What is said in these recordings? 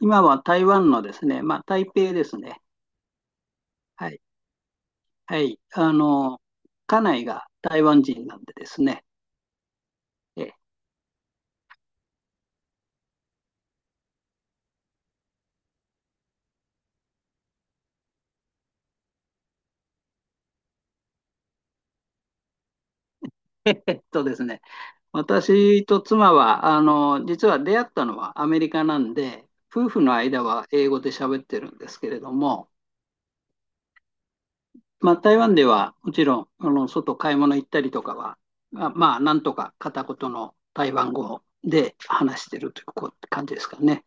今は台湾のですね、まあ、台北ですね。はい。はい。あの、家内が台湾人なんでですね。ええっとですね、私と妻は、あの、実は出会ったのはアメリカなんで、夫婦の間は英語で喋ってるんですけれども、まあ、台湾ではもちろん、あの、外買い物行ったりとかは、まあ、なんとか片言の台湾語で話してるという感じですかね。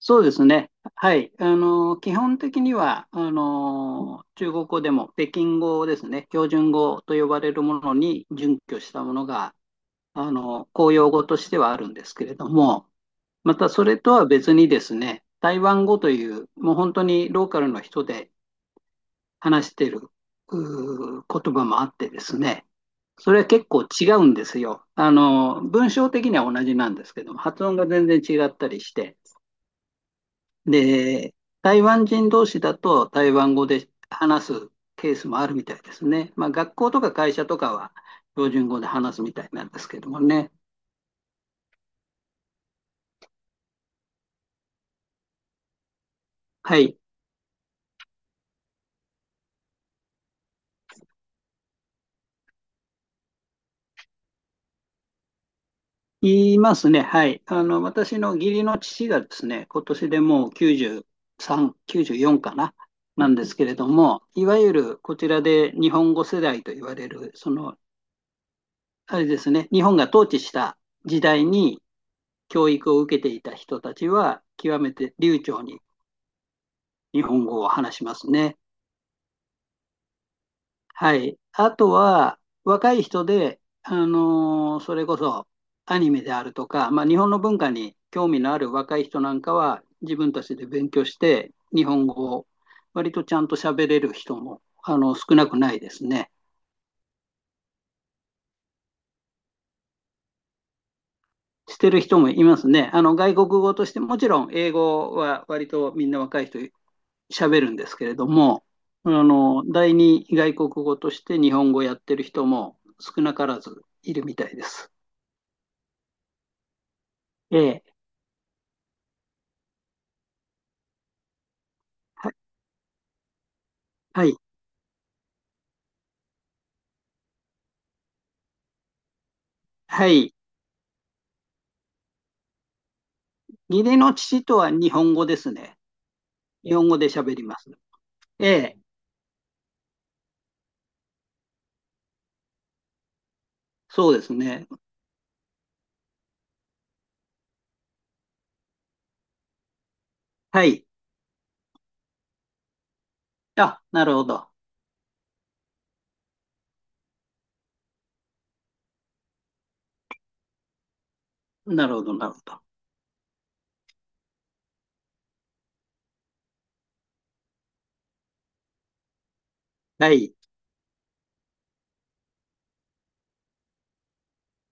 そうですね。はい。あの、基本的には、あの、中国語でも北京語ですね、標準語と呼ばれるものに準拠したものが、あの、公用語としてはあるんですけれども、またそれとは別にですね、台湾語という、もう本当にローカルの人で話している言葉もあってですね、それは結構違うんですよ。あの、文章的には同じなんですけども、発音が全然違ったりして。で、台湾人同士だと台湾語で話すケースもあるみたいですね。まあ、学校とか会社とかは標準語で話すみたいなんですけどもね。はい。言いますね。はい。あの、私の義理の父がですね、今年でもう93、94かな、なんですけれども、いわゆるこちらで日本語世代と言われる、その、あれですね、日本が統治した時代に教育を受けていた人たちは、極めて流暢に日本語を話しますね。はい。あとは、若い人で、あの、それこそアニメであるとか、まあ、日本の文化に興味のある若い人なんかは、自分たちで勉強して、日本語を割とちゃんと喋れる人も、あの、少なくないですね。してる人もいますね。あの、外国語として、もちろん英語は割とみんな若い人喋るんですけれども、あの、第二外国語として日本語をやってる人も少なからずいるみたいです。ええ、は、はい、はい。義理の父とは日本語ですね。日本語で喋ります。ええ、そうですね。はい。あ、なるほど。なるほど、なるほど。はい。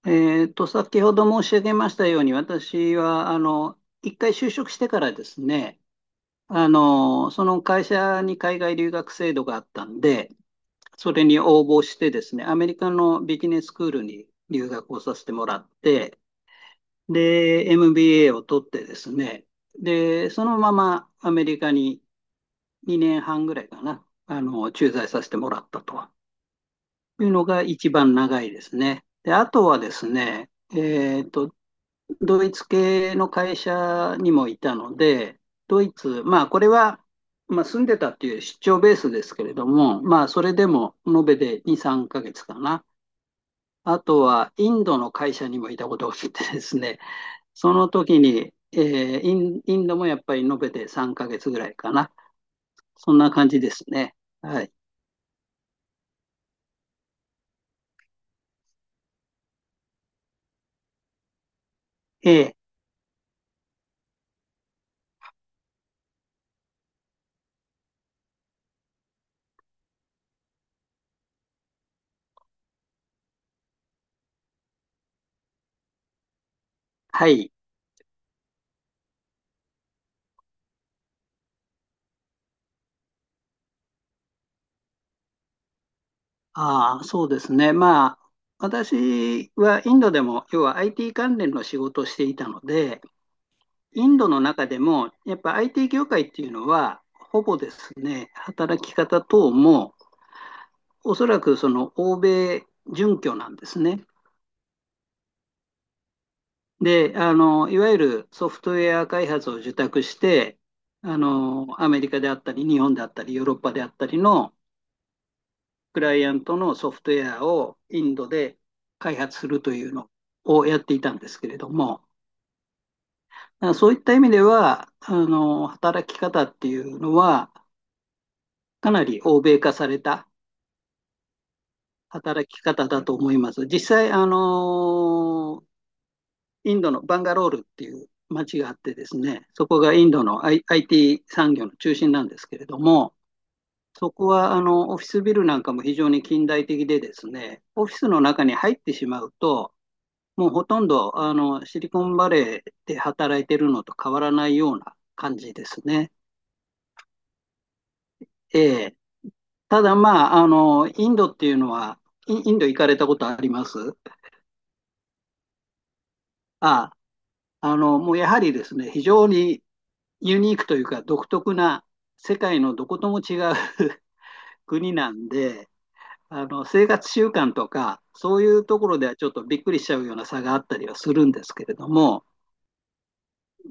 えっと、先ほど申し上げましたように、私は、あの、一回就職してからですね、あの、その会社に海外留学制度があったんで、それに応募してですね、アメリカのビジネススクールに留学をさせてもらって、で、MBA を取ってですね、で、そのままアメリカに2年半ぐらいかな、あの、駐在させてもらったというのが一番長いですね。で、あとはですね、えっと、ドイツ系の会社にもいたので、ドイツ、まあ、これは、まあ、住んでたっていう出張ベースですけれども、まあ、それでも延べで2、3ヶ月かな。あとはインドの会社にもいたことがあってですね、その時に、インドもやっぱり延べて3ヶ月ぐらいかな。そんな感じですね。はい。ええ、はい。ああ、そうですね。まあ、私はインドでも、要は IT 関連の仕事をしていたので、インドの中でも、やっぱ IT 業界っていうのは、ほぼですね、働き方等も、おそらくその欧米準拠なんですね。で、あの、いわゆるソフトウェア開発を受託して、あの、アメリカであったり、日本であったり、ヨーロッパであったりのクライアントのソフトウェアをインドで開発するというのをやっていたんですけれども、そういった意味では、あの、働き方っていうのは、かなり欧米化された働き方だと思います。実際、あの、インドのバンガロールっていう町があってですね、そこがインドの、IT 産業の中心なんですけれども、そこはあのオフィスビルなんかも非常に近代的でですね、オフィスの中に入ってしまうと、もうほとんどあのシリコンバレーで働いてるのと変わらないような感じですね。えー、ただまあ、あの、インドっていうのは、インド行かれたことあります？ああの、もうやはりですね、非常にユニークというか独特な世界のどことも違う 国なんで、あの、生活習慣とか、そういうところではちょっとびっくりしちゃうような差があったりはするんですけれども、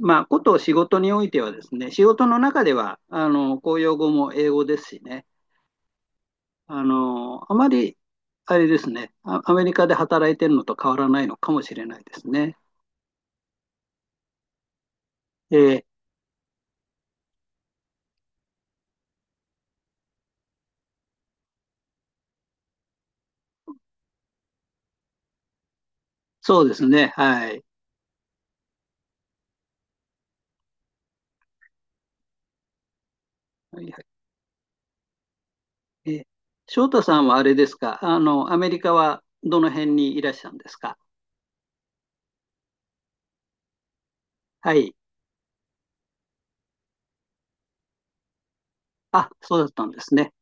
まあ、こと仕事においてはですね、仕事の中では、あの、公用語も英語ですしね、あの、あまり、あれですね、アメリカで働いてるのと変わらないのかもしれないですね。えーそうですね、はい。えー翔太さんはあれですか、あの、アメリカはどの辺にいらっしゃるんですか？はい。あ、そうだったんですね。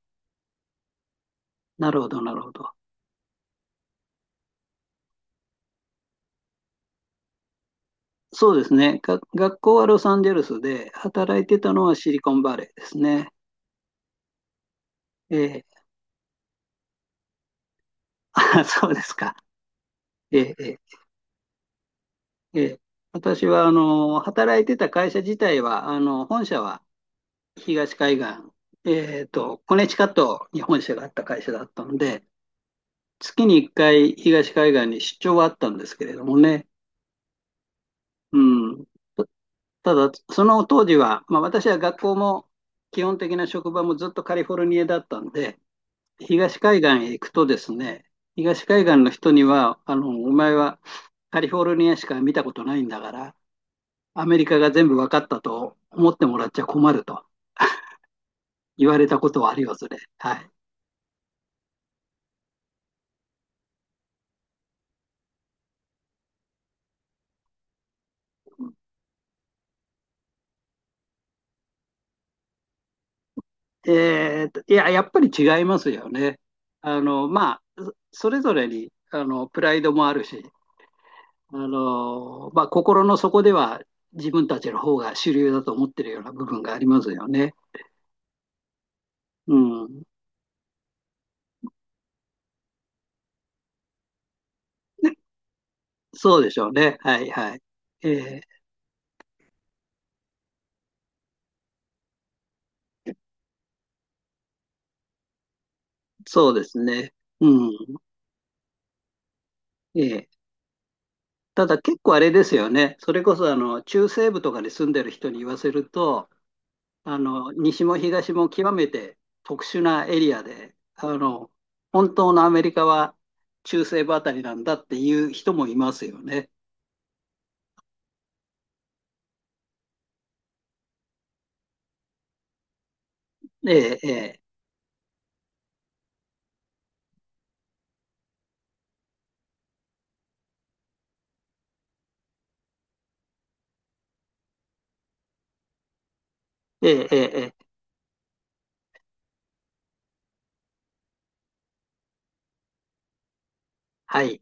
なるほど、なるほど。そうですね。学校はロサンゼルスで、働いてたのはシリコンバレーですね。えー、あ、そうですか。えーえーえー私は、あの、働いてた会社自体は、あの、本社は東海岸、えーと、コネチカットに本社があった会社だったので、月に1回東海岸に出張はあったんですけれどもね、うん。ただ、その当時は、まあ、私は学校も基本的な職場もずっとカリフォルニアだったんで、東海岸へ行くとですね、東海岸の人には、あの、お前はカリフォルニアしか見たことないんだから、アメリカが全部分かったと思ってもらっちゃ困ると言われたことはありますね。はい。えーと、いや、やっぱり違いますよね。あの、まあ、それぞれに、あの、プライドもあるし、あの、まあ、心の底では自分たちの方が主流だと思ってるような部分がありますよね。うん。そうでしょうね。はいはい。えーそうですね。うん。えーただ結構あれですよね。それこそあの中西部とかに住んでる人に言わせると、あの西も東も極めて特殊なエリアで、あの本当のアメリカは中西部あたりなんだっていう人もいますよね。えーえーえーえーえーはい。